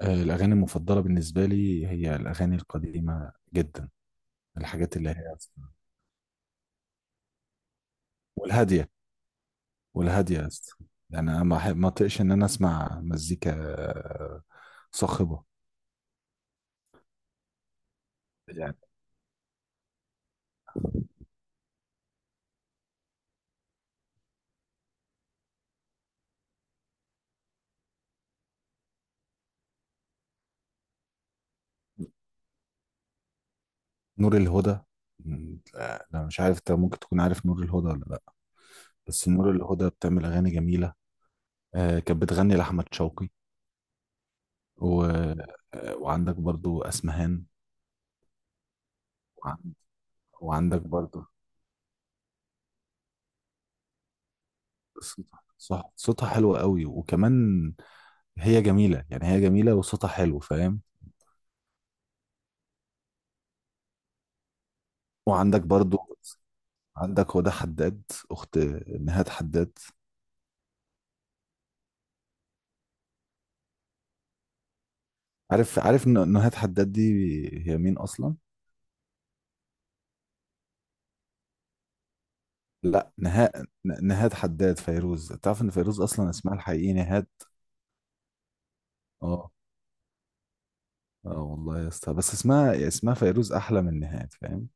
الأغاني المفضلة بالنسبة لي هي الأغاني القديمة جدا، الحاجات اللي هي والهادية. والهادية يا اسطى. يعني أنا ما أطيقش إن أنا أسمع مزيكا صاخبة. يعني نور الهدى. لا لا، مش عارف أنت ممكن تكون عارف نور الهدى ولا لأ. بس نور الهدى بتعمل أغاني جميلة. كانت بتغني لأحمد شوقي و... وعندك برضو أسمهان. وع- وعندك برضو صوتها حلو قوي، وكمان هي جميلة. يعني هي جميلة وصوتها حلو، فاهم. وعندك برضو عندك هدى حداد، أخت نهاد حداد. عارف نهاد حداد دي هي مين أصلا؟ لا نهاد. نهاد حداد فيروز، تعرف إن فيروز أصلا اسمها الحقيقي نهاد؟ اه اه، والله يا اسطى، بس اسمها فيروز أحلى من نهاد، فاهم؟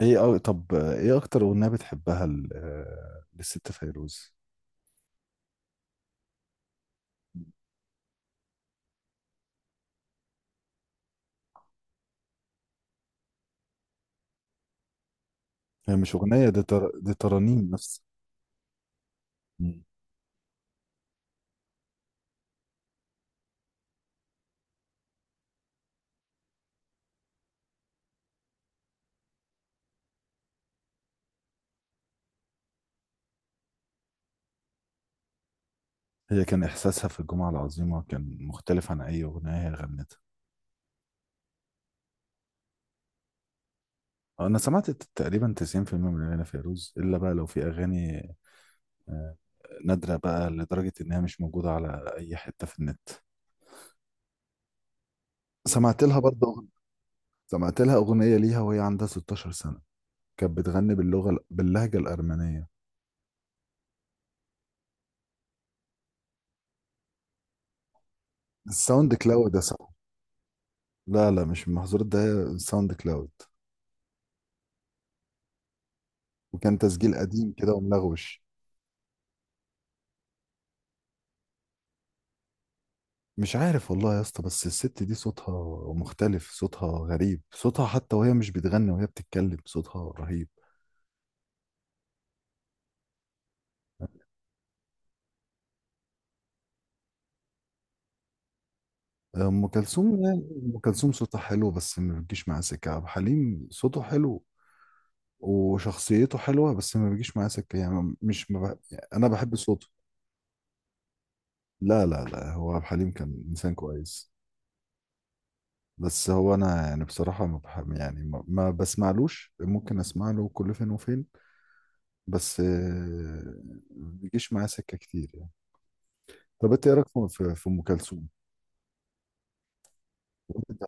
طب ايه أكتر أغنية بتحبها للست فيروز؟ هي مش أغنية دي، دي ترانيم بس. هي كان إحساسها في الجمعة العظيمة كان مختلف عن أي أغنية هي غنتها. أنا سمعت تقريبا 90% من أغاني فيروز، إلا بقى لو في أغاني آه، نادرة بقى لدرجة إنها مش موجودة على أي حتة في النت. سمعت لها برضه، سمعت لها أغنية ليها وهي عندها 16 سنة، كانت بتغني باللغة باللهجة الأرمنية. الساوند كلاود ده، صح. لا لا، مش المحظورات، ده الساوند كلاود. وكان تسجيل قديم كده وملغوش. مش عارف والله يا اسطى، بس الست دي صوتها مختلف، صوتها غريب، صوتها حتى وهي مش بتغني وهي بتتكلم صوتها رهيب. ام كلثوم يعني. ام كلثوم صوتها حلو بس ما بتجيش معاه سكه. عبد الحليم صوته حلو وشخصيته حلوه، بس ما بيجيش معاه سكه. يعني مش ما بح... يعني انا بحب صوته. لا لا لا، هو عبد الحليم كان انسان كويس. بس هو انا يعني بصراحه ما بحب، يعني ما بسمعلوش، ممكن اسمع له كل فين وفين. بس ما بيجيش معاه سكه كتير يعني. طب انت ايه رايك في في ام كلثوم؟ وردة.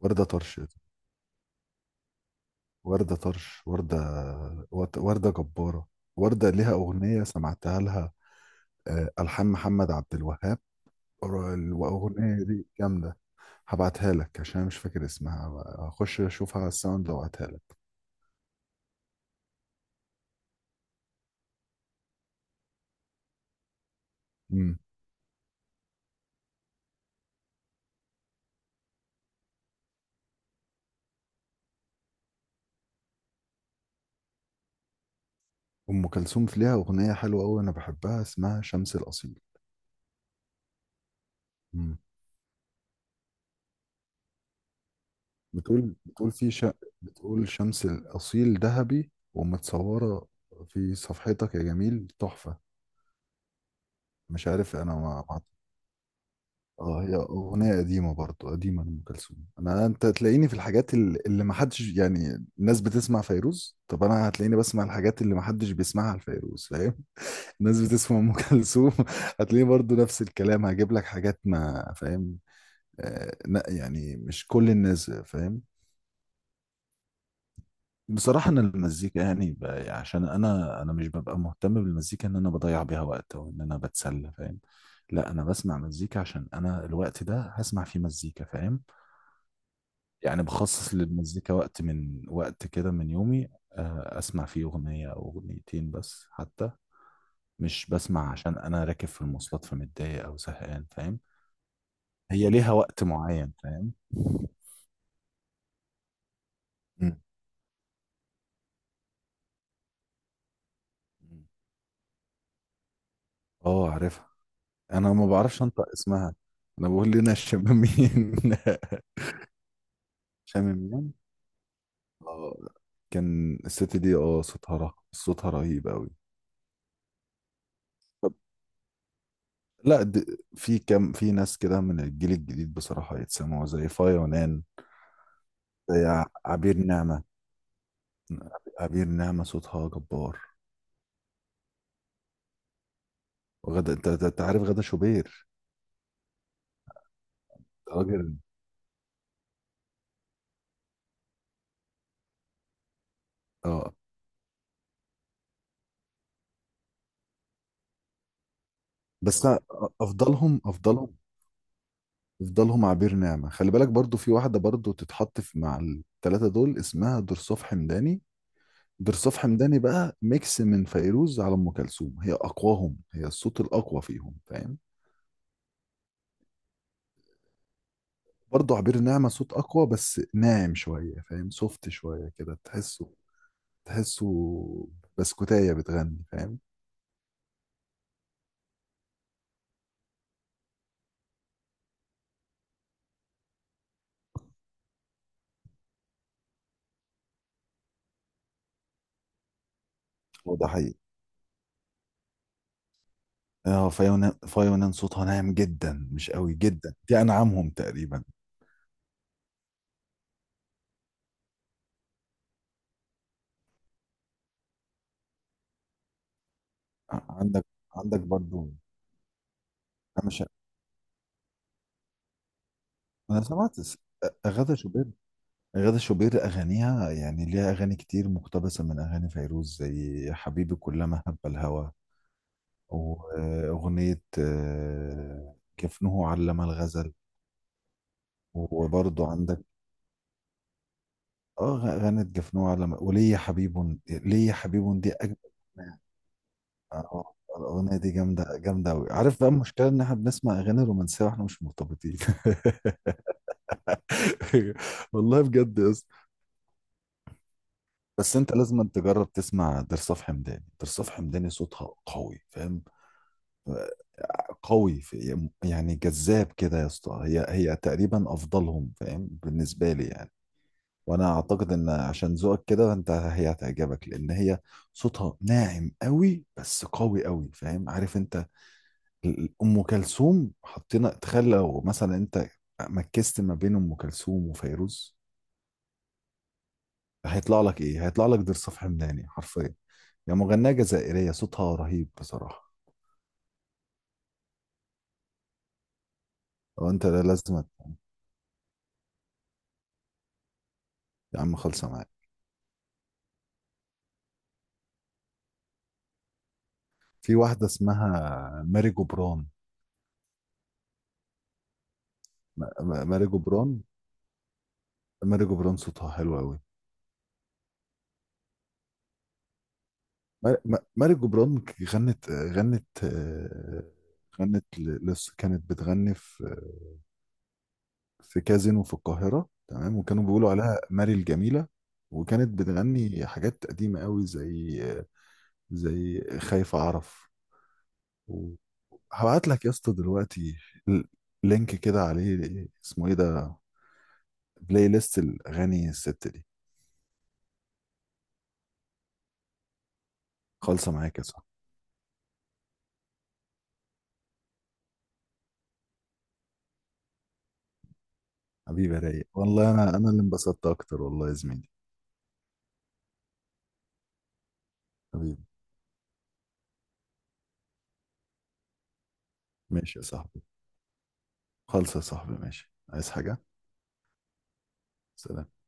وردة طرش وردة طرش وردة. وردة جبارة. وردة ليها اغنية سمعتها لها، الحان محمد عبد الوهاب. الاغنية دي جامدة. هبعتها لك عشان أنا مش فاكر اسمها. هخش اشوفها على الساوند وابعتها لك. امم. ام كلثوم في ليها اغنية حلوة قوي انا بحبها اسمها شمس الاصيل. امم. بتقول بتقول في ش... بتقول شمس الاصيل ذهبي ومتصورة في صفحتك يا جميل، تحفة. مش عارف انا اه، هي اغنيه قديمه برضو، قديمه لام كلثوم. انا انت تلاقيني في الحاجات اللي ما حدش، يعني الناس بتسمع فيروز، طب انا هتلاقيني بسمع الحاجات اللي ما حدش بيسمعها لفيروز، فاهم. الناس بتسمع ام كلثوم هتلاقيني برضو نفس الكلام، هجيب لك حاجات، ما فاهم. آه لا، يعني مش كل الناس فاهم. بصراحة أنا المزيكا يعني عشان أنا مش ببقى مهتم بالمزيكا إن أنا بضيع بيها وقت أو إن أنا بتسلى، فاهم. لا، أنا بسمع مزيكا عشان أنا الوقت ده هسمع فيه مزيكا، فاهم. يعني بخصص للمزيكا وقت من وقت كده من يومي، أسمع فيه أغنية أو أغنيتين بس حتى. مش بسمع عشان أنا راكب في المواصلات فمتضايق أو زهقان، فاهم. هي ليها وقت معين، فاهم. مم. اه عارفها. انا ما بعرفش انطق اسمها، انا بقول لنا الشمامين. شمامين. اه، كان الست دي اه صوتها رهيب، صوتها رهيب قوي. طب لا د... في كم في ناس كده من الجيل الجديد بصراحة يتسمعوا زي فايا ونان، زي عبير نعمة. عبير نعمة صوتها جبار. وغدا، أنت عارف غدا شوبير؟ راجل. اه بس أنا افضلهم. افضلهم يفضلهم عبير نعمة. خلي بالك برضو في واحدة برضو تتحط في مع التلاتة دول اسمها درصوف حمداني. درصوف حمداني بقى ميكس من فيروز على أم كلثوم، هي أقواهم، هي الصوت الأقوى فيهم، فاهم. برضو عبير نعمة صوت أقوى بس ناعم شوية، فاهم، سوفت شوية كده تحسه. تحسه بسكوتاية بتغني، فاهم. هو ده حقيقي. اه، فيونان فيونان صوتها ناعم جدا مش قوي جدا، دي أنعمهم تقريبا. ع- عندك عندك برضو. أنا مش، أنا أغاثة شوبير. غادة شوبير أغانيها، يعني ليها أغاني كتير مقتبسة من أغاني فيروز زي حبيبي كلما هب الهوى، وأغنية جفنه علم الغزل. وبرضو عندك اه غنت جفنه علم، وليا حبيب. ليا حبيب دي أجمل أغنية. الأغنية دي جامدة جامدة أوي. عارف بقى المشكلة إن إحنا بنسمع أغاني رومانسية وإحنا مش مرتبطين. والله بجد يا اسطى. بس أنت لازم تجرب تسمع درصاف حمداني. درصاف حمداني صوتها قوي، فاهم، قوي في يعني جذاب كده يا اسطى، هي هي تقريبا افضلهم، فاهم، بالنسبه لي يعني. وانا اعتقد ان عشان ذوقك كده انت، هي هتعجبك لان هي صوتها ناعم قوي، بس قوي قوي، فاهم. عارف انت ام كلثوم، حطينا تخيل لو مثلا انت مكست ما بين ام كلثوم وفيروز هيطلع لك ايه؟ هيطلع لك ضرس حمداني حرفيا. يا مغنيه جزائريه صوتها رهيب بصراحه. وانت لا لازم. يا عم خلصه معاك. في واحده اسمها ماري جبران. ماري جبران. ماري جبران صوتها حلو قوي. ماري جبران ك- غنت غنت آه، غنت ل- لسه كانت بتغني في كازينو في القاهرة، تمام. وكانوا بيقولوا عليها ماري الجميلة. وكانت بتغني حاجات قديمة قوي، زي زي خايف أعرف. و- هبعت لك يا اسطى دلوقتي ال- لينك كده عليه اسمه ايه ده، بلاي ليست الأغاني الست دي. خالصة معاك يا صاحبي. حبيبي يا رايق، والله انا انا اللي انبسطت اكتر، والله يا زميلي. حبيبي. ماشي يا صاحبي. خالص يا صاحبي، ماشي. عايز حاجة؟ سلام